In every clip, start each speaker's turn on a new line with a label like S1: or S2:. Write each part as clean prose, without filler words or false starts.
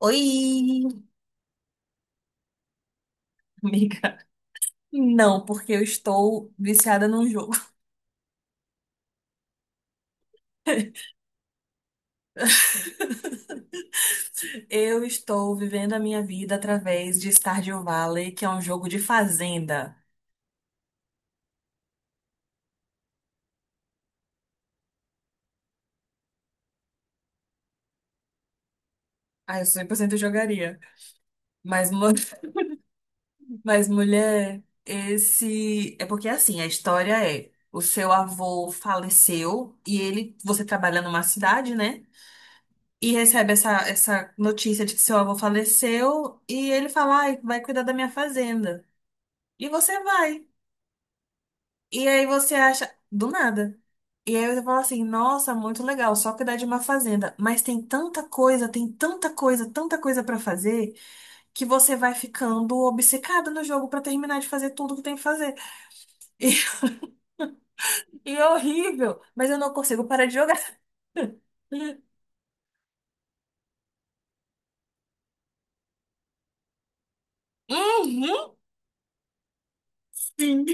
S1: Oi, amiga. Não, porque eu estou viciada num jogo. Eu estou vivendo a minha vida através de Stardew Valley, que é um jogo de fazenda. Ah, eu 100% jogaria. Mas, mu- mas, mulher, esse. É porque assim, a história é: o seu avô faleceu e ele. Você trabalha numa cidade, né? E recebe essa notícia de que seu avô faleceu e ele fala, ai, vai cuidar da minha fazenda. E você vai. E aí você acha, do nada. E aí você fala assim, nossa, muito legal, só cuidar de uma fazenda. Mas tem tanta coisa pra fazer, que você vai ficando obcecado no jogo pra terminar de fazer tudo que tem que fazer. E é horrível, mas eu não consigo parar de jogar. Uhum, sim.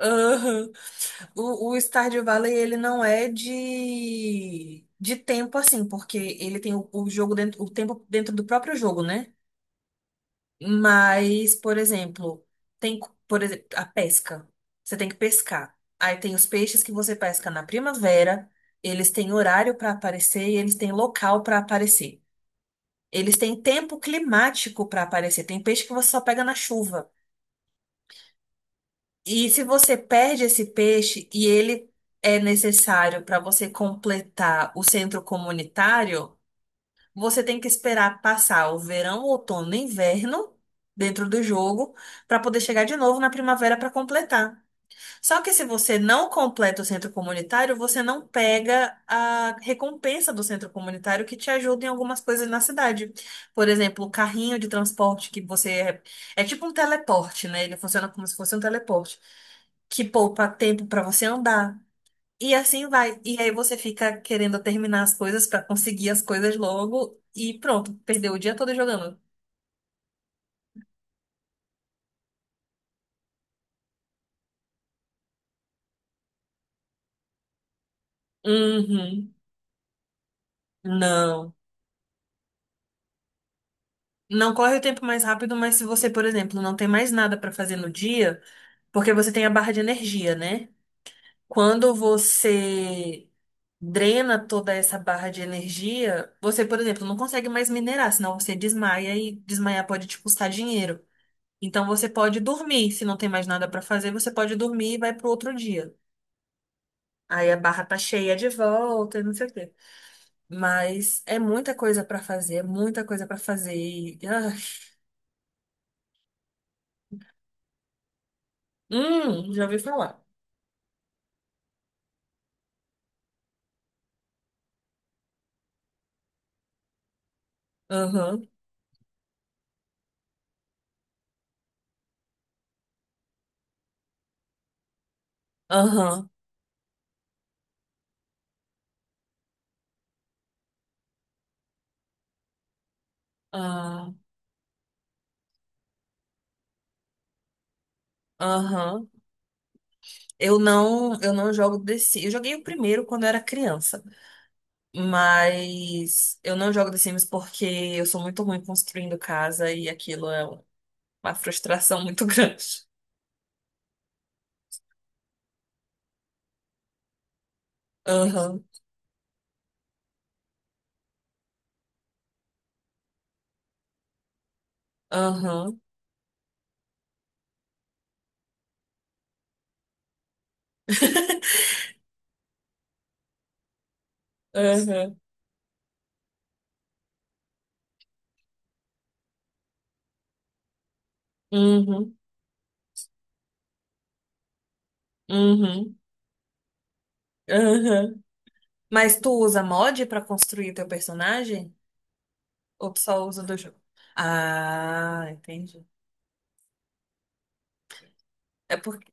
S1: Aham. O Stardew Valley, ele não é de tempo assim, porque ele tem o jogo dentro, o tempo dentro do próprio jogo, né? Mas, por exemplo, por exemplo, a pesca. Você tem que pescar. Aí tem os peixes que você pesca na primavera, eles têm horário para aparecer e eles têm local para aparecer. Eles têm tempo climático para aparecer. Tem peixe que você só pega na chuva. E se você perde esse peixe e ele é necessário para você completar o centro comunitário, você tem que esperar passar o verão, outono e inverno dentro do jogo para poder chegar de novo na primavera para completar. Só que se você não completa o centro comunitário, você não pega a recompensa do centro comunitário que te ajuda em algumas coisas na cidade. Por exemplo, o carrinho de transporte que você é, é tipo um teleporte, né? Ele funciona como se fosse um teleporte, que poupa tempo para você andar. E assim vai. E aí você fica querendo terminar as coisas pra conseguir as coisas logo e pronto, perdeu o dia todo jogando. Uhum. Não. Não corre o tempo mais rápido, mas se você, por exemplo, não tem mais nada pra fazer no dia, porque você tem a barra de energia, né? Quando você drena toda essa barra de energia, você, por exemplo, não consegue mais minerar, senão você desmaia e desmaiar pode te custar dinheiro. Então você pode dormir, se não tem mais nada pra fazer, você pode dormir e vai pro outro dia. Aí a barra tá cheia de volta e não sei o quê. Mas é muita coisa pra fazer, muita coisa pra fazer. Já ouvi falar. Aham, aham, ah, aham. Eu não jogo The Sims. Eu joguei o primeiro quando eu era criança, mas eu não jogo The Sims porque eu sou muito ruim construindo casa e aquilo é uma frustração muito grande. Aham, aham, aham, uhum, uhum, aham. Mas tu usa mod pra construir teu personagem? Ou tu só usa do jogo? Ah, entendi. É porque.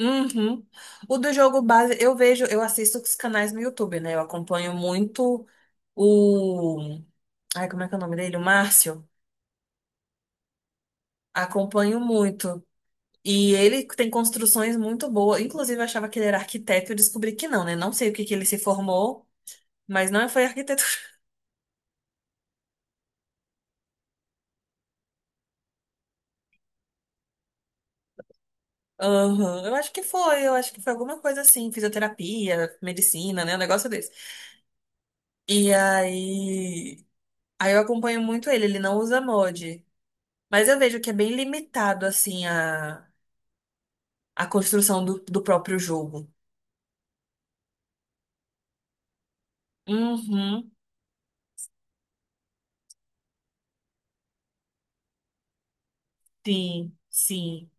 S1: Uhum. O do jogo base, eu vejo, eu assisto os canais no YouTube, né? Eu acompanho muito o. Ai, como é que é o nome dele? O Márcio. Acompanho muito. E ele tem construções muito boas. Inclusive, eu achava que ele era arquiteto e descobri que não, né? Não sei o que que ele se formou, mas não foi arquitetura. Aham, eu acho que foi alguma coisa assim, fisioterapia, medicina, né? Um negócio. E aí, eu acompanho muito ele, ele não usa mod. Mas eu vejo que é bem limitado, assim, a construção do próprio jogo. Uhum, sim, sim,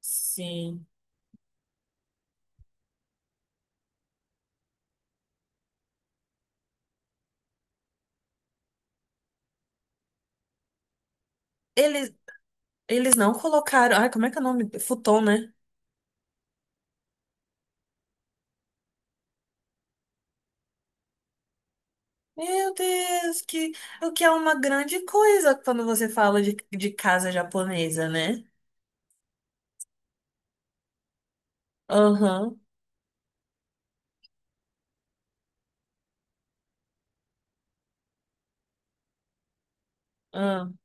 S1: sim. Eles, eles não colocaram. Ai, como é que é o nome? Futon, né? Meu Deus, que, o que é uma grande coisa quando você fala de casa japonesa, né? Aham, aham.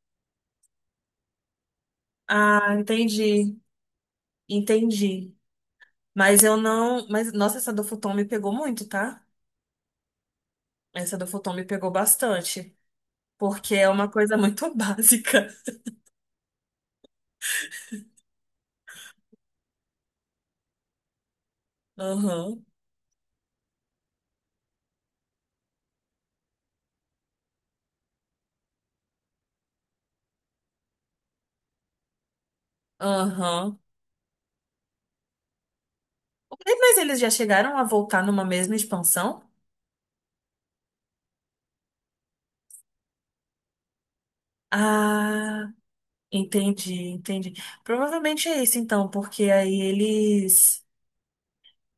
S1: Ah, entendi, entendi. Mas eu não. Mas, nossa, essa do futon me pegou muito, tá? Essa do futon me pegou bastante, porque é uma coisa muito básica. Aham, aham. Ué, mas eles já chegaram a voltar numa mesma expansão? Ah, entendi, entendi. Provavelmente é isso então, porque aí eles.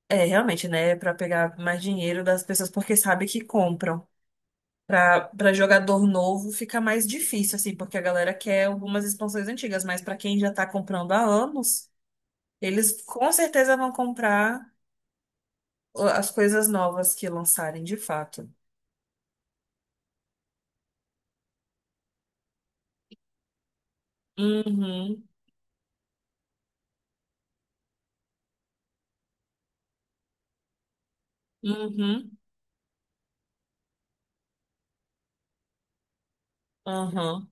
S1: É, realmente, né? Pra pegar mais dinheiro das pessoas, porque sabe que compram. Pra jogador novo fica mais difícil, assim, porque a galera quer algumas expansões antigas, mas pra quem já tá comprando há anos, eles com certeza vão comprar as coisas novas que lançarem de fato. Uhum, uhum, uhum.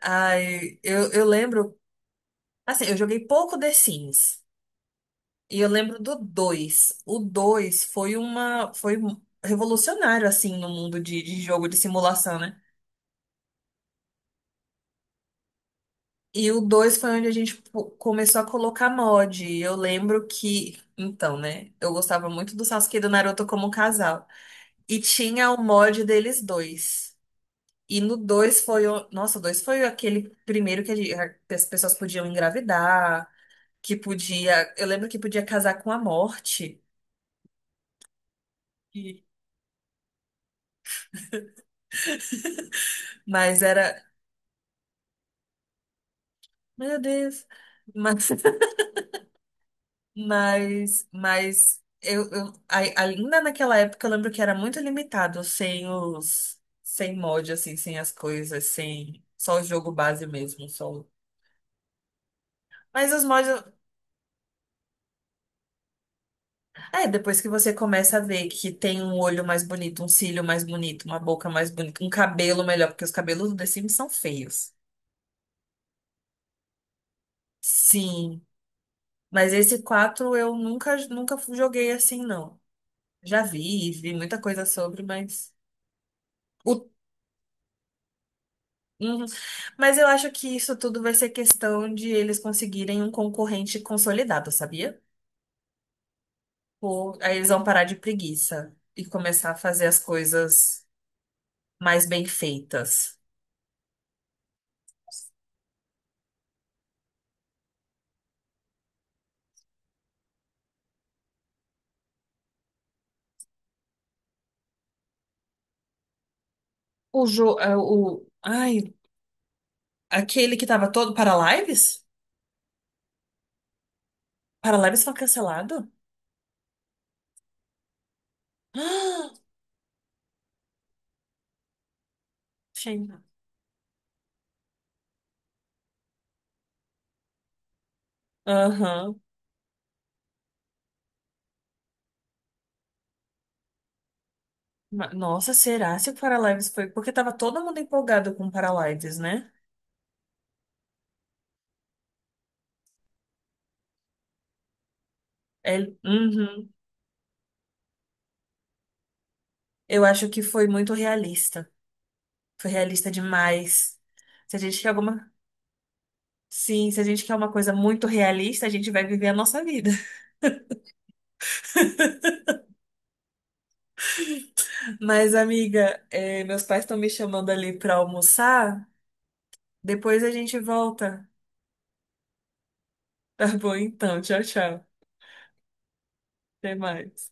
S1: Ai, eu lembro, assim, eu joguei pouco The Sims, e eu lembro do 2. O 2 foi uma, revolucionário, assim, no mundo de jogo de simulação, né? E o 2 foi onde a gente começou a colocar mod, e eu lembro que, então, né, eu gostava muito do Sasuke e do Naruto como casal, e tinha o mod deles dois. E no dois foi. O- Nossa, o 2 foi aquele primeiro que que as pessoas podiam engravidar, que podia. Eu lembro que podia casar com a morte, e- mas era. Meu Deus! Mas, ainda naquela época eu lembro que era muito limitado, sem os. Sem mod, assim, sem as coisas, sem. Só o jogo base mesmo, só. Mas os mods. É, depois que você começa a ver que tem um olho mais bonito, um cílio mais bonito, uma boca mais bonita, um cabelo melhor, porque os cabelos do The Sims são feios. Sim, mas esse 4 eu nunca joguei assim, não. Já vi, vi muita coisa sobre, mas. o- Uhum. Mas eu acho que isso tudo vai ser questão de eles conseguirem um concorrente consolidado, sabia? Ou aí eles vão parar de preguiça e começar a fazer as coisas mais bem feitas. O jogo. O, ai. Aquele que tava todo para lives? Para lives foi cancelado? Ah, gente. Aham. Nossa, será se o para lives foi? Porque tava todo mundo empolgado com o para lives, né? É, uhum. Eu acho que foi muito realista. Foi realista demais. Se a gente quer alguma. Sim, se a gente quer uma coisa muito realista, a gente vai viver a nossa vida. Mas, amiga, meus pais estão me chamando ali pra almoçar. Depois a gente volta. Tá bom, então. Tchau, tchau. Até mais.